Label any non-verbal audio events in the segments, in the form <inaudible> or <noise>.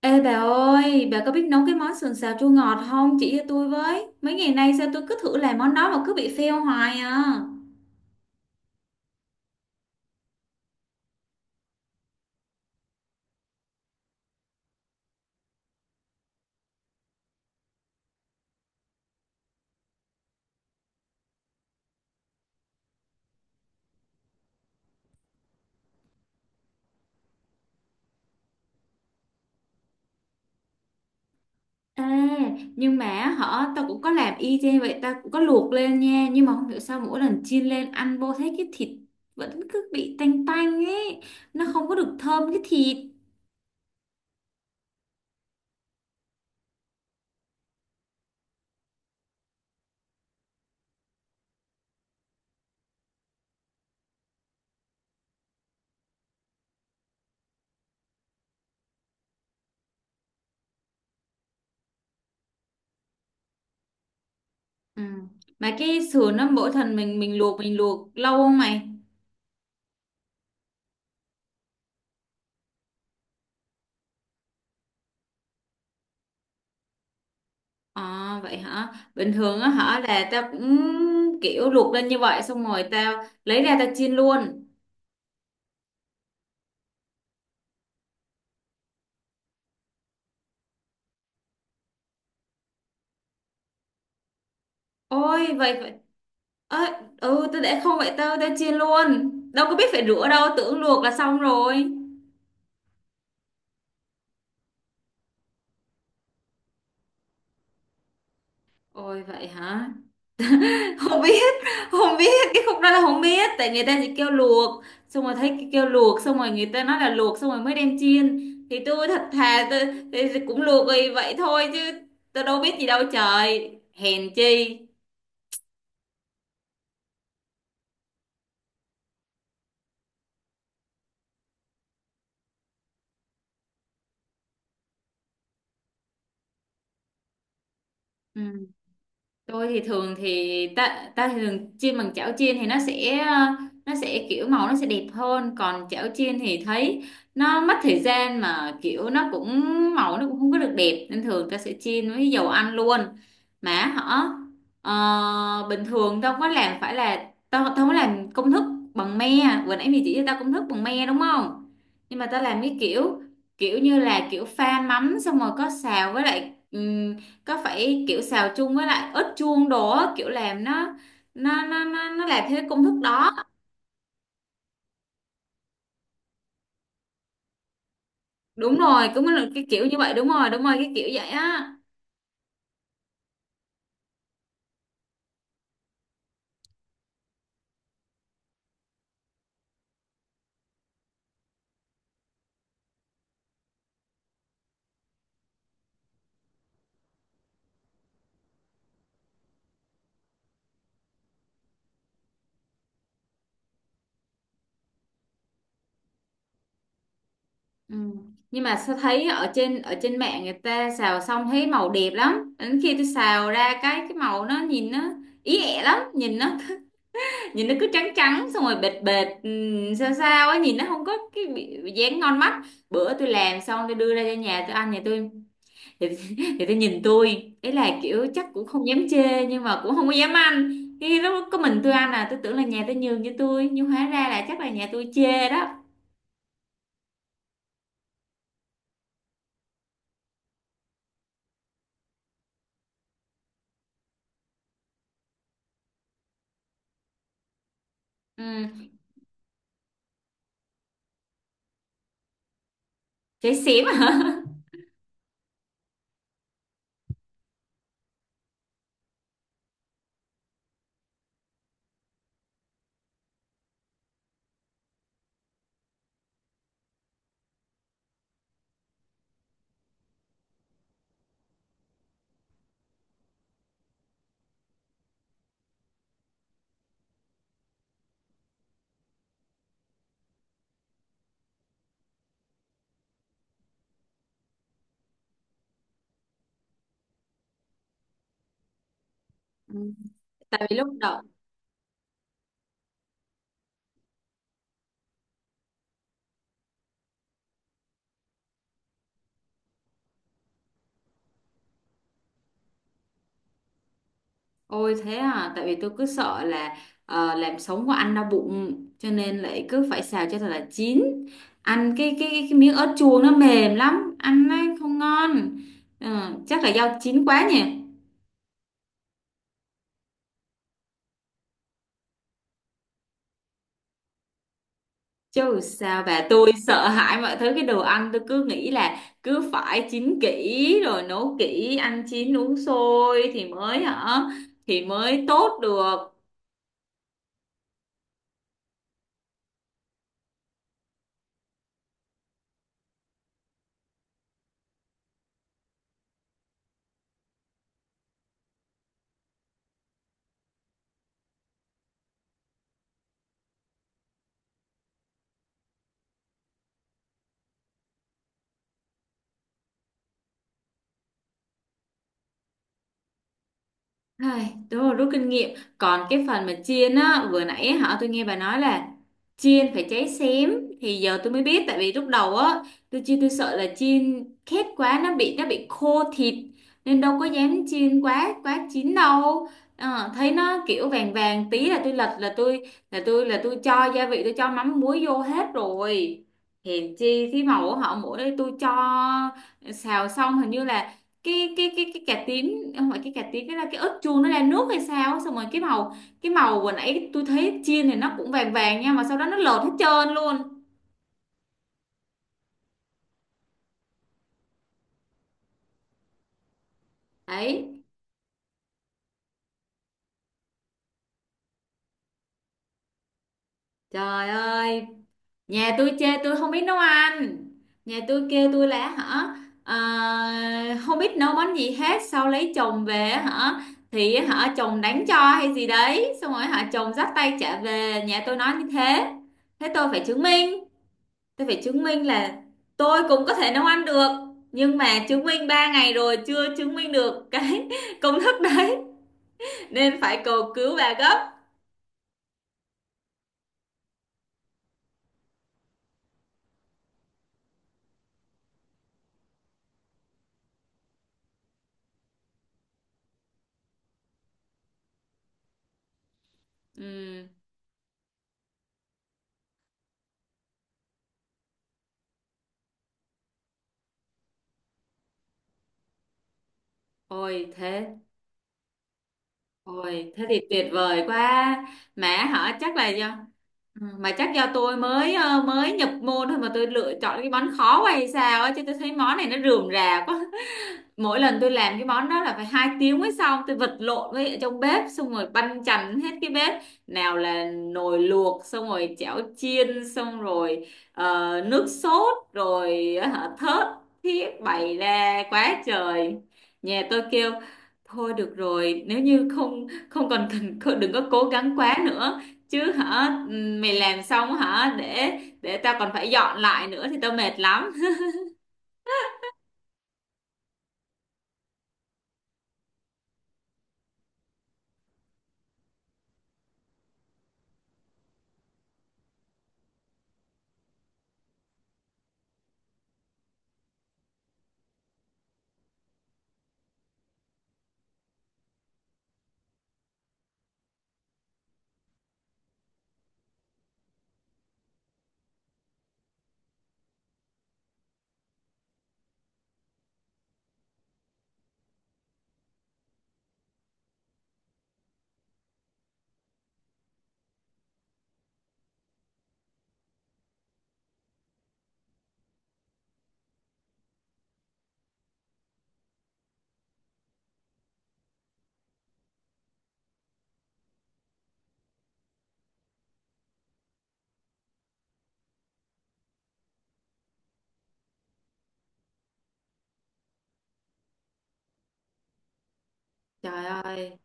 Ê bà ơi, bà có biết nấu cái món sườn xào chua ngọt không? Chỉ cho tôi với. Mấy ngày nay sao tôi cứ thử làm món đó mà cứ bị fail hoài à. Ê, nhưng mà hả, tao cũng có làm y chang vậy, tao cũng có luộc lên nha. Nhưng mà không hiểu sao mỗi lần chiên lên ăn vô thấy cái thịt vẫn cứ bị tanh tanh ấy. Nó không có được thơm cái thịt. Ừ. Mà cái sườn nó mỗi lần mình luộc mình luộc lâu không mày? À vậy hả? Bình thường á hả là tao cũng kiểu luộc lên như vậy, xong rồi tao lấy ra tao chiên luôn. Ôi vậy vậy. Ơ, ừ tao để không vậy tao tao chiên luôn. Đâu có biết phải rửa đâu, tưởng luộc là xong rồi. Ôi vậy hả? <laughs> Không biết, không biết cái khúc đó là không biết, tại người ta chỉ kêu luộc xong rồi thấy cái kêu luộc xong rồi người ta nói là luộc xong rồi mới đem chiên. Thì tôi thật thà tôi cũng luộc vì vậy thôi, chứ tôi đâu biết gì đâu trời. Hèn chi. Ừ. Tôi thì thường thì ta ta thì thường chiên bằng chảo chiên thì nó sẽ nó sẽ kiểu màu nó sẽ đẹp hơn, còn chảo chiên thì thấy nó mất thời gian mà kiểu nó cũng màu nó cũng không có được đẹp, nên thường ta sẽ chiên với dầu ăn luôn. Mà hả, bình thường tao không có làm, phải là tao tao không có làm công thức bằng me. Vừa nãy mày chỉ cho tao công thức bằng me đúng không, nhưng mà tao làm cái kiểu kiểu như là kiểu pha mắm xong rồi có xào với lại, có phải kiểu xào chung với lại ớt chuông đồ á, kiểu làm nó nó làm theo cái công thức đó đúng rồi, cũng là cái kiểu như vậy, đúng rồi cái kiểu vậy á. Ừ. Nhưng mà sao thấy ở trên mạng người ta xào xong thấy màu đẹp lắm, đến khi tôi xào ra cái màu nó nhìn nó ý ẹ lắm, nhìn nó <laughs> nhìn nó cứ trắng trắng xong rồi bệt bệt ừ, sao sao á nhìn nó không có cái dáng ngon mắt. Bữa tôi làm xong tôi đưa ra cho nhà tôi ăn, nhà tôi thì, thì tôi nhìn tôi ấy là kiểu chắc cũng không dám chê nhưng mà cũng không có dám ăn, thì lúc có mình tôi ăn, à tôi tưởng là nhà tôi nhường cho tôi nhưng hóa ra là chắc là nhà tôi chê đó. Ừ. Chê xỉm hả. Ừ. Tại vì lúc đầu ôi thế à, tại vì tôi cứ sợ là làm sống của ăn đau bụng cho nên lại cứ phải xào cho thật là chín, ăn cái cái miếng ớt chuông nó mềm lắm ăn nó không ngon. Ờ, chắc là do chín quá nhỉ. Chứ sao bà, tôi sợ hãi mọi thứ, cái đồ ăn tôi cứ nghĩ là cứ phải chín kỹ rồi nấu kỹ, ăn chín uống sôi thì mới hả thì mới tốt được. Ai, đúng rồi, rút kinh nghiệm. Còn cái phần mà chiên á, vừa nãy á, hả tôi nghe bà nói là chiên phải cháy xém, thì giờ tôi mới biết, tại vì lúc đầu á tôi chiên tôi sợ là chiên khét quá nó bị khô thịt, nên đâu có dám chiên quá quá chín đâu. Ờ, thấy nó kiểu vàng vàng tí là tôi lật là tôi cho gia vị, tôi cho mắm muối vô hết rồi. Hèn chi cái màu của họ mỗi đây tôi cho xào xong hình như là cái cái cà tím, không phải cái cà tím, cái là cái ớt chuông nó ra nước hay sao, xong rồi cái màu vừa nãy tôi thấy chiên thì nó cũng vàng vàng nha, mà sau đó nó lột hết trơn luôn. Đấy. Trời ơi, nhà tôi chê tôi không biết nấu ăn, nhà tôi kêu tôi là hả, à, không biết nấu món gì hết, sau lấy chồng về hả thì hả chồng đánh cho hay gì đấy xong rồi hả chồng dắt tay trả về nhà tôi nói như thế. Thế tôi phải chứng minh, tôi phải chứng minh là tôi cũng có thể nấu ăn được, nhưng mà chứng minh 3 ngày rồi chưa chứng minh được cái <laughs> công thức đấy, nên phải cầu cứu bà gấp. Ừm, Ôi thế, ôi thế thì tuyệt vời quá. Mà hả chắc là do ừ, mà chắc do tôi mới mới nhập môn thôi mà tôi lựa chọn cái món khó quá hay sao á, chứ tôi thấy món này nó rườm rà quá. Mỗi lần tôi làm cái món đó là phải 2 tiếng mới xong, tôi vật lộn với ở trong bếp xong rồi banh chành hết cái bếp, nào là nồi luộc xong rồi chảo chiên xong rồi nước sốt rồi hả, thớt thiết bày ra quá trời. Nhà tôi kêu thôi được rồi, nếu như không không còn cần đừng có cố gắng quá nữa, chứ hả mày làm xong hả để tao còn phải dọn lại nữa thì tao mệt lắm. Trời ơi,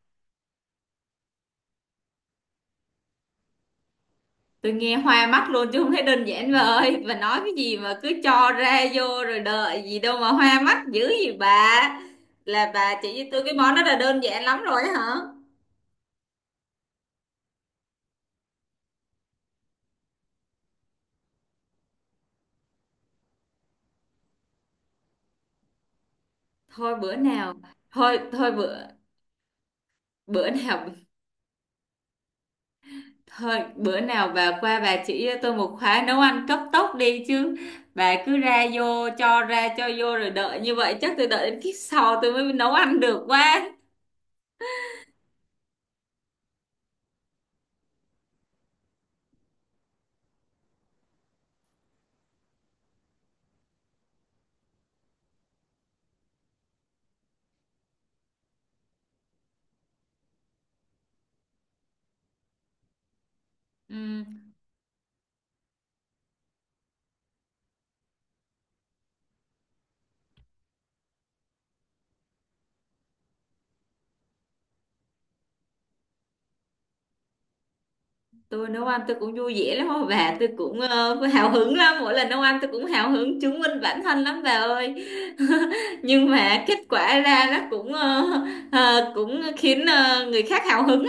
tôi nghe hoa mắt luôn chứ không thấy đơn giản bà ơi, bà nói cái gì mà cứ cho ra vô rồi đợi gì đâu mà hoa mắt dữ gì bà, là bà chỉ cho tôi cái món đó là đơn giản lắm rồi á hả. Thôi bữa nào, thôi thôi bữa bữa nào thôi bữa nào bà qua bà chỉ cho tôi một khóa nấu ăn cấp tốc đi, chứ bà cứ ra vô cho ra cho vô rồi đợi như vậy chắc tôi đợi đến kiếp sau tôi mới nấu ăn được quá. Ừ, tôi nấu ăn tôi cũng vui vẻ lắm á bà, tôi cũng <laughs> hào hứng lắm, mỗi lần nấu ăn tôi cũng hào hứng chứng minh bản thân lắm bà ơi. <laughs> Nhưng mà kết quả ra nó cũng cũng khiến người khác hào hứng.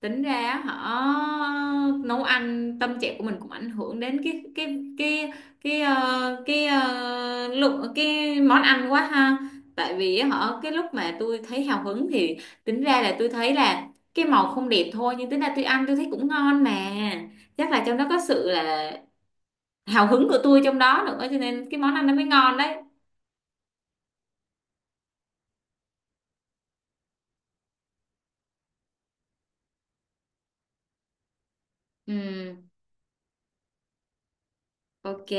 Tính ra họ nấu ăn tâm trạng của mình cũng ảnh hưởng đến cái cái cái lượng cái món ăn quá ha. Tại vì họ cái lúc mà tôi thấy hào hứng thì tính ra là tôi thấy là cái màu không đẹp thôi, nhưng tính ra tôi ăn tôi thấy cũng ngon mà, chắc là trong đó có sự là hào hứng của tôi trong đó nữa cho nên cái món ăn nó mới ngon đấy. Ừ. Ok,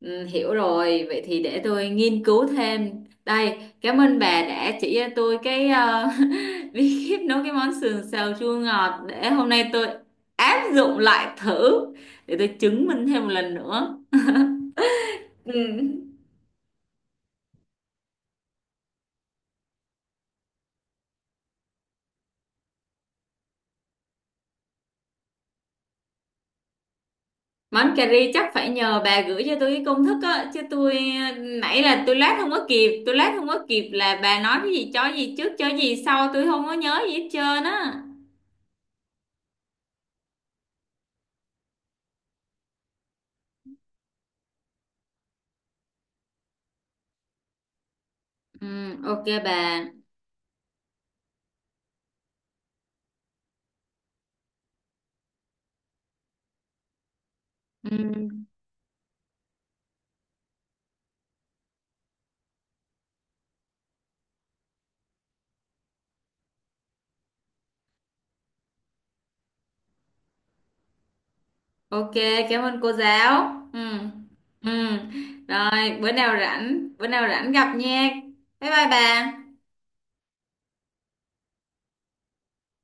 ừ, hiểu rồi. Vậy thì để tôi nghiên cứu thêm. Đây, cảm ơn bà đã chỉ cho tôi cái <laughs> bí kíp nấu cái món sườn xào chua ngọt, để hôm nay tôi áp dụng lại thử, để tôi chứng minh thêm một lần nữa. Ừ. Món cà ri chắc phải nhờ bà gửi cho tôi cái công thức á, chứ tôi nãy là tôi lát không có kịp, tôi lát không có kịp là bà nói cái gì cho gì trước cho gì sau tôi không có nhớ gì hết trơn á. Ừ, ok bà. Ừ, ok, cảm ơn cô giáo. Ừ. Ừ. Rồi, bữa nào rảnh gặp nha. Bye bye bà.